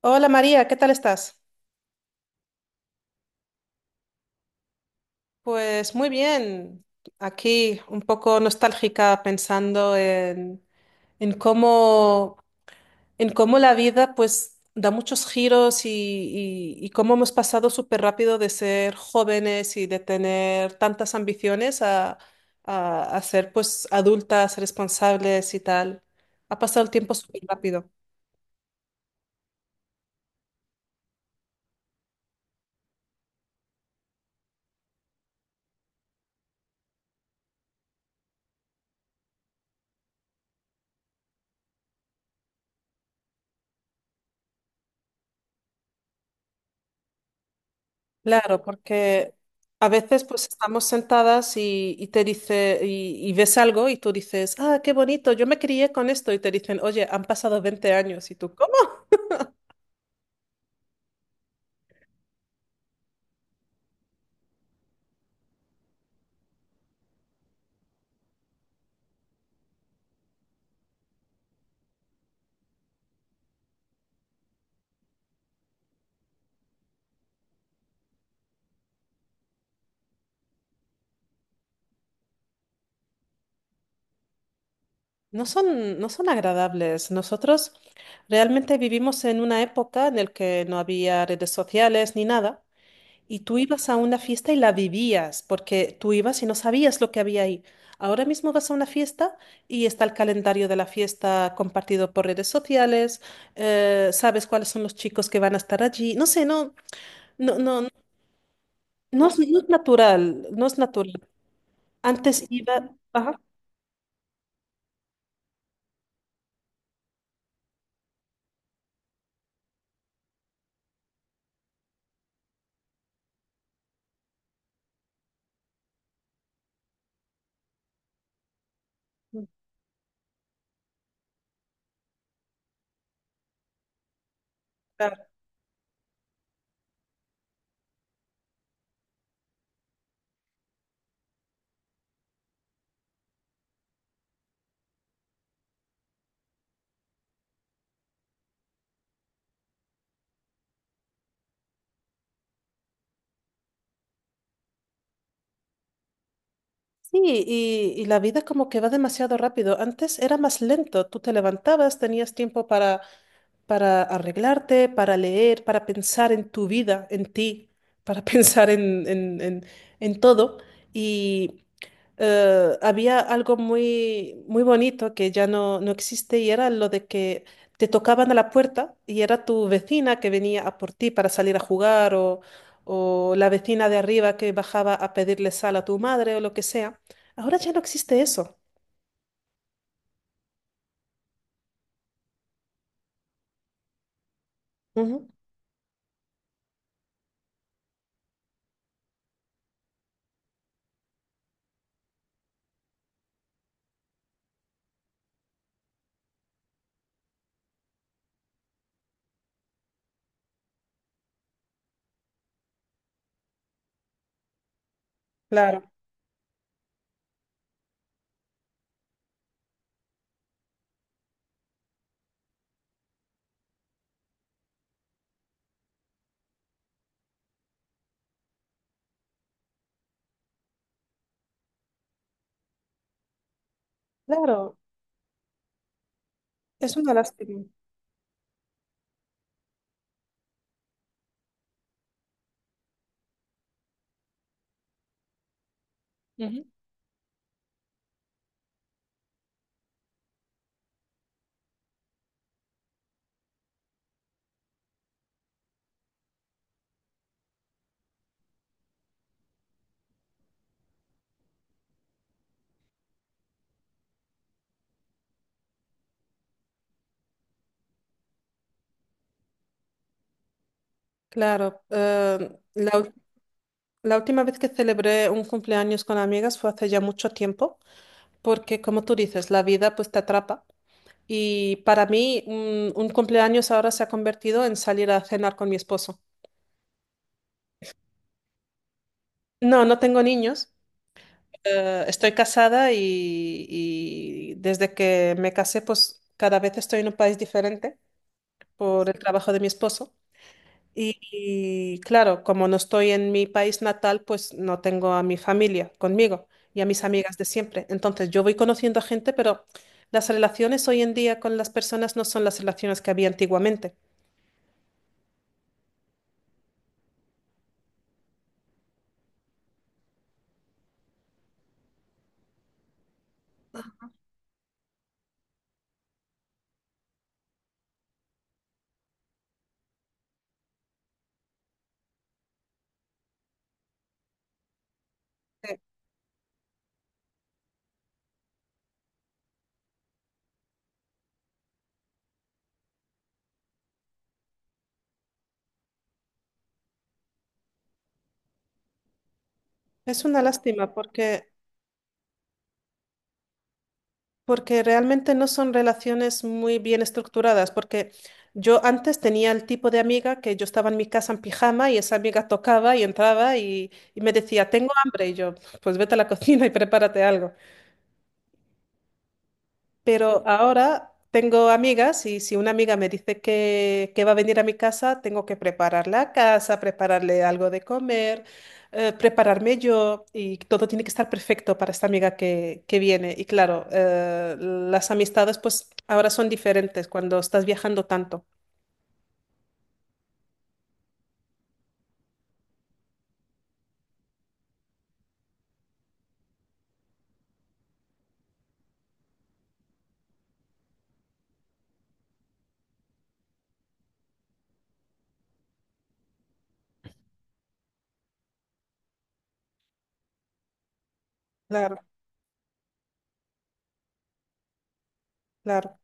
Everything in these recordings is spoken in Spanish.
Hola María, ¿qué tal estás? Pues muy bien, aquí un poco nostálgica pensando en cómo, en cómo la vida pues da muchos giros y cómo hemos pasado súper rápido de ser jóvenes y de tener tantas ambiciones a ser pues adultas, responsables y tal. Ha pasado el tiempo súper rápido. Claro, porque a veces pues estamos sentadas y te dice y ves algo y tú dices, ah, qué bonito, yo me crié con esto y te dicen, oye, han pasado 20 años y tú, ¿cómo? No son, no son agradables. Nosotros realmente vivimos en una época en la que no había redes sociales ni nada. Y tú ibas a una fiesta y la vivías, porque tú ibas y no sabías lo que había ahí. Ahora mismo vas a una fiesta y está el calendario de la fiesta compartido por redes sociales, sabes cuáles son los chicos que van a estar allí. No sé, no, no, no, no es, no es natural, no es natural. Antes iba, ajá, claro. Sí, y la vida como que va demasiado rápido. Antes era más lento. Tú te levantabas, tenías tiempo para arreglarte, para leer, para pensar en tu vida, en ti, para pensar en en todo. Y había algo muy, muy bonito que ya no, no existe y era lo de que te tocaban a la puerta y era tu vecina que venía a por ti para salir a jugar o la vecina de arriba que bajaba a pedirle sal a tu madre o lo que sea. Ahora ya no existe eso. Ujú. Claro, claro, es una lástima. Ujú. Claro, la última vez que celebré un cumpleaños con amigas fue hace ya mucho tiempo, porque como tú dices, la vida pues te atrapa. Y para mí un cumpleaños ahora se ha convertido en salir a cenar con mi esposo. No, no tengo niños, estoy casada y desde que me casé pues cada vez estoy en un país diferente por el trabajo de mi esposo. Claro, como no estoy en mi país natal, pues no tengo a mi familia conmigo y a mis amigas de siempre. Entonces yo voy conociendo a gente, pero las relaciones hoy en día con las personas no son las relaciones que había antiguamente. Sí. Es una lástima porque porque realmente no son relaciones muy bien estructuradas, porque yo antes tenía el tipo de amiga que yo estaba en mi casa en pijama y esa amiga tocaba y entraba y me decía, tengo hambre, y yo, pues vete a la cocina y prepárate algo. Pero ahora tengo amigas y si una amiga me dice que va a venir a mi casa, tengo que preparar la casa, prepararle algo de comer, prepararme yo y todo tiene que estar perfecto para esta amiga que viene. Y claro, las amistades pues ahora son diferentes cuando estás viajando tanto. Claro, claro.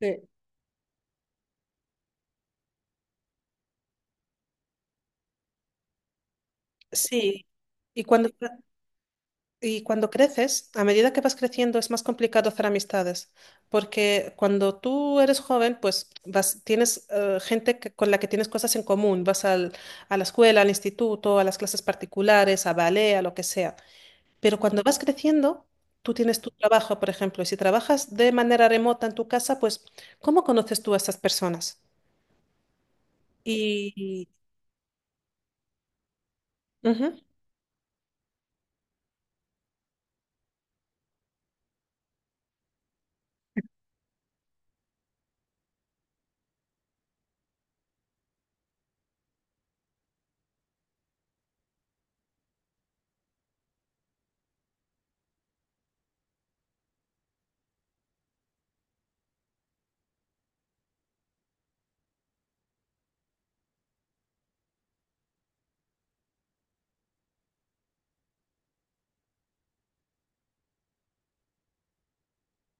Sí. Sí, y cuando... Y cuando creces, a medida que vas creciendo, es más complicado hacer amistades, porque cuando tú eres joven, pues vas, tienes gente que- con la que tienes cosas en común, a la escuela, al instituto, a las clases particulares, a ballet, a lo que sea. Pero cuando vas creciendo, tú tienes tu trabajo, por ejemplo, y si trabajas de manera remota en tu casa, pues ¿cómo conoces tú a esas personas? Y... Ujú,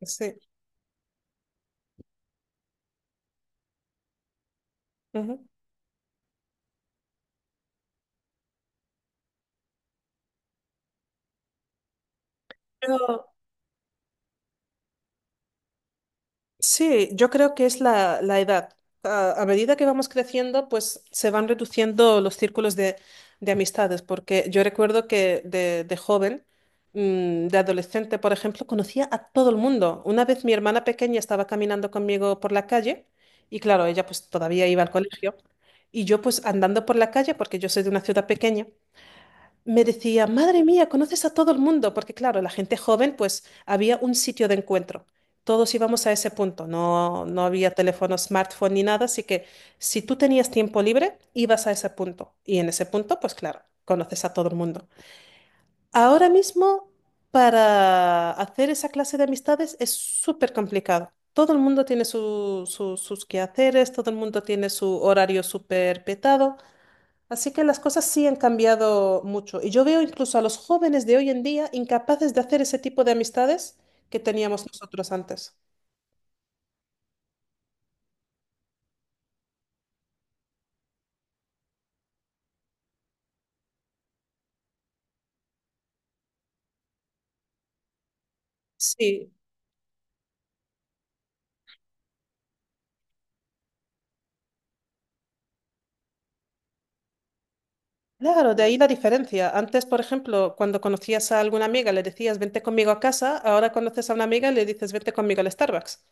sí. Ujú. Pero sí, yo creo que es la, la edad. A medida que vamos creciendo, pues se van reduciendo los círculos de amistades, porque yo recuerdo que de joven, de adolescente, por ejemplo, conocía a todo el mundo. Una vez mi hermana pequeña estaba caminando conmigo por la calle y claro, ella pues todavía iba al colegio y yo pues andando por la calle, porque yo soy de una ciudad pequeña me decía, madre mía, conoces a todo el mundo, porque claro, la gente joven, pues había un sitio de encuentro. Todos íbamos a ese punto, no, no había teléfono, smartphone ni nada, así que si tú tenías tiempo libre, ibas a ese punto. Y en ese punto, pues claro, conoces a todo el mundo. Ahora mismo, para hacer esa clase de amistades es súper complicado. Todo el mundo tiene sus quehaceres, todo el mundo tiene su horario súper petado. Así que las cosas sí han cambiado mucho. Y yo veo incluso a los jóvenes de hoy en día incapaces de hacer ese tipo de amistades que teníamos nosotros antes. Sí, claro, de ahí la diferencia. Antes, por ejemplo, cuando conocías a alguna amiga, le decías, vente conmigo a casa. Ahora conoces a una amiga y le dices, vente conmigo al Starbucks.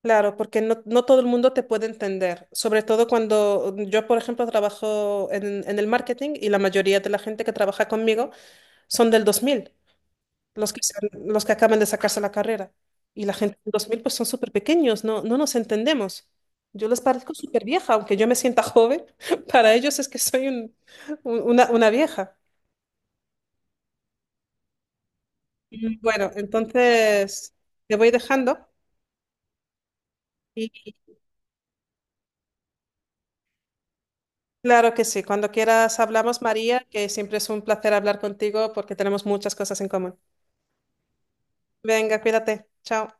Claro, porque no, no todo el mundo te puede entender. Sobre todo cuando yo, por ejemplo, trabajo en el marketing y la mayoría de la gente que trabaja conmigo son del 2000. Los que, se los que acaban de sacarse la carrera. Y la gente de 2000 pues son súper pequeños, no, no nos entendemos. Yo les parezco súper vieja, aunque yo me sienta joven, para ellos es que soy una vieja. Bueno, entonces te voy dejando. Y claro que sí, cuando quieras hablamos, María, que siempre es un placer hablar contigo porque tenemos muchas cosas en común. Venga, cuídate. Chao.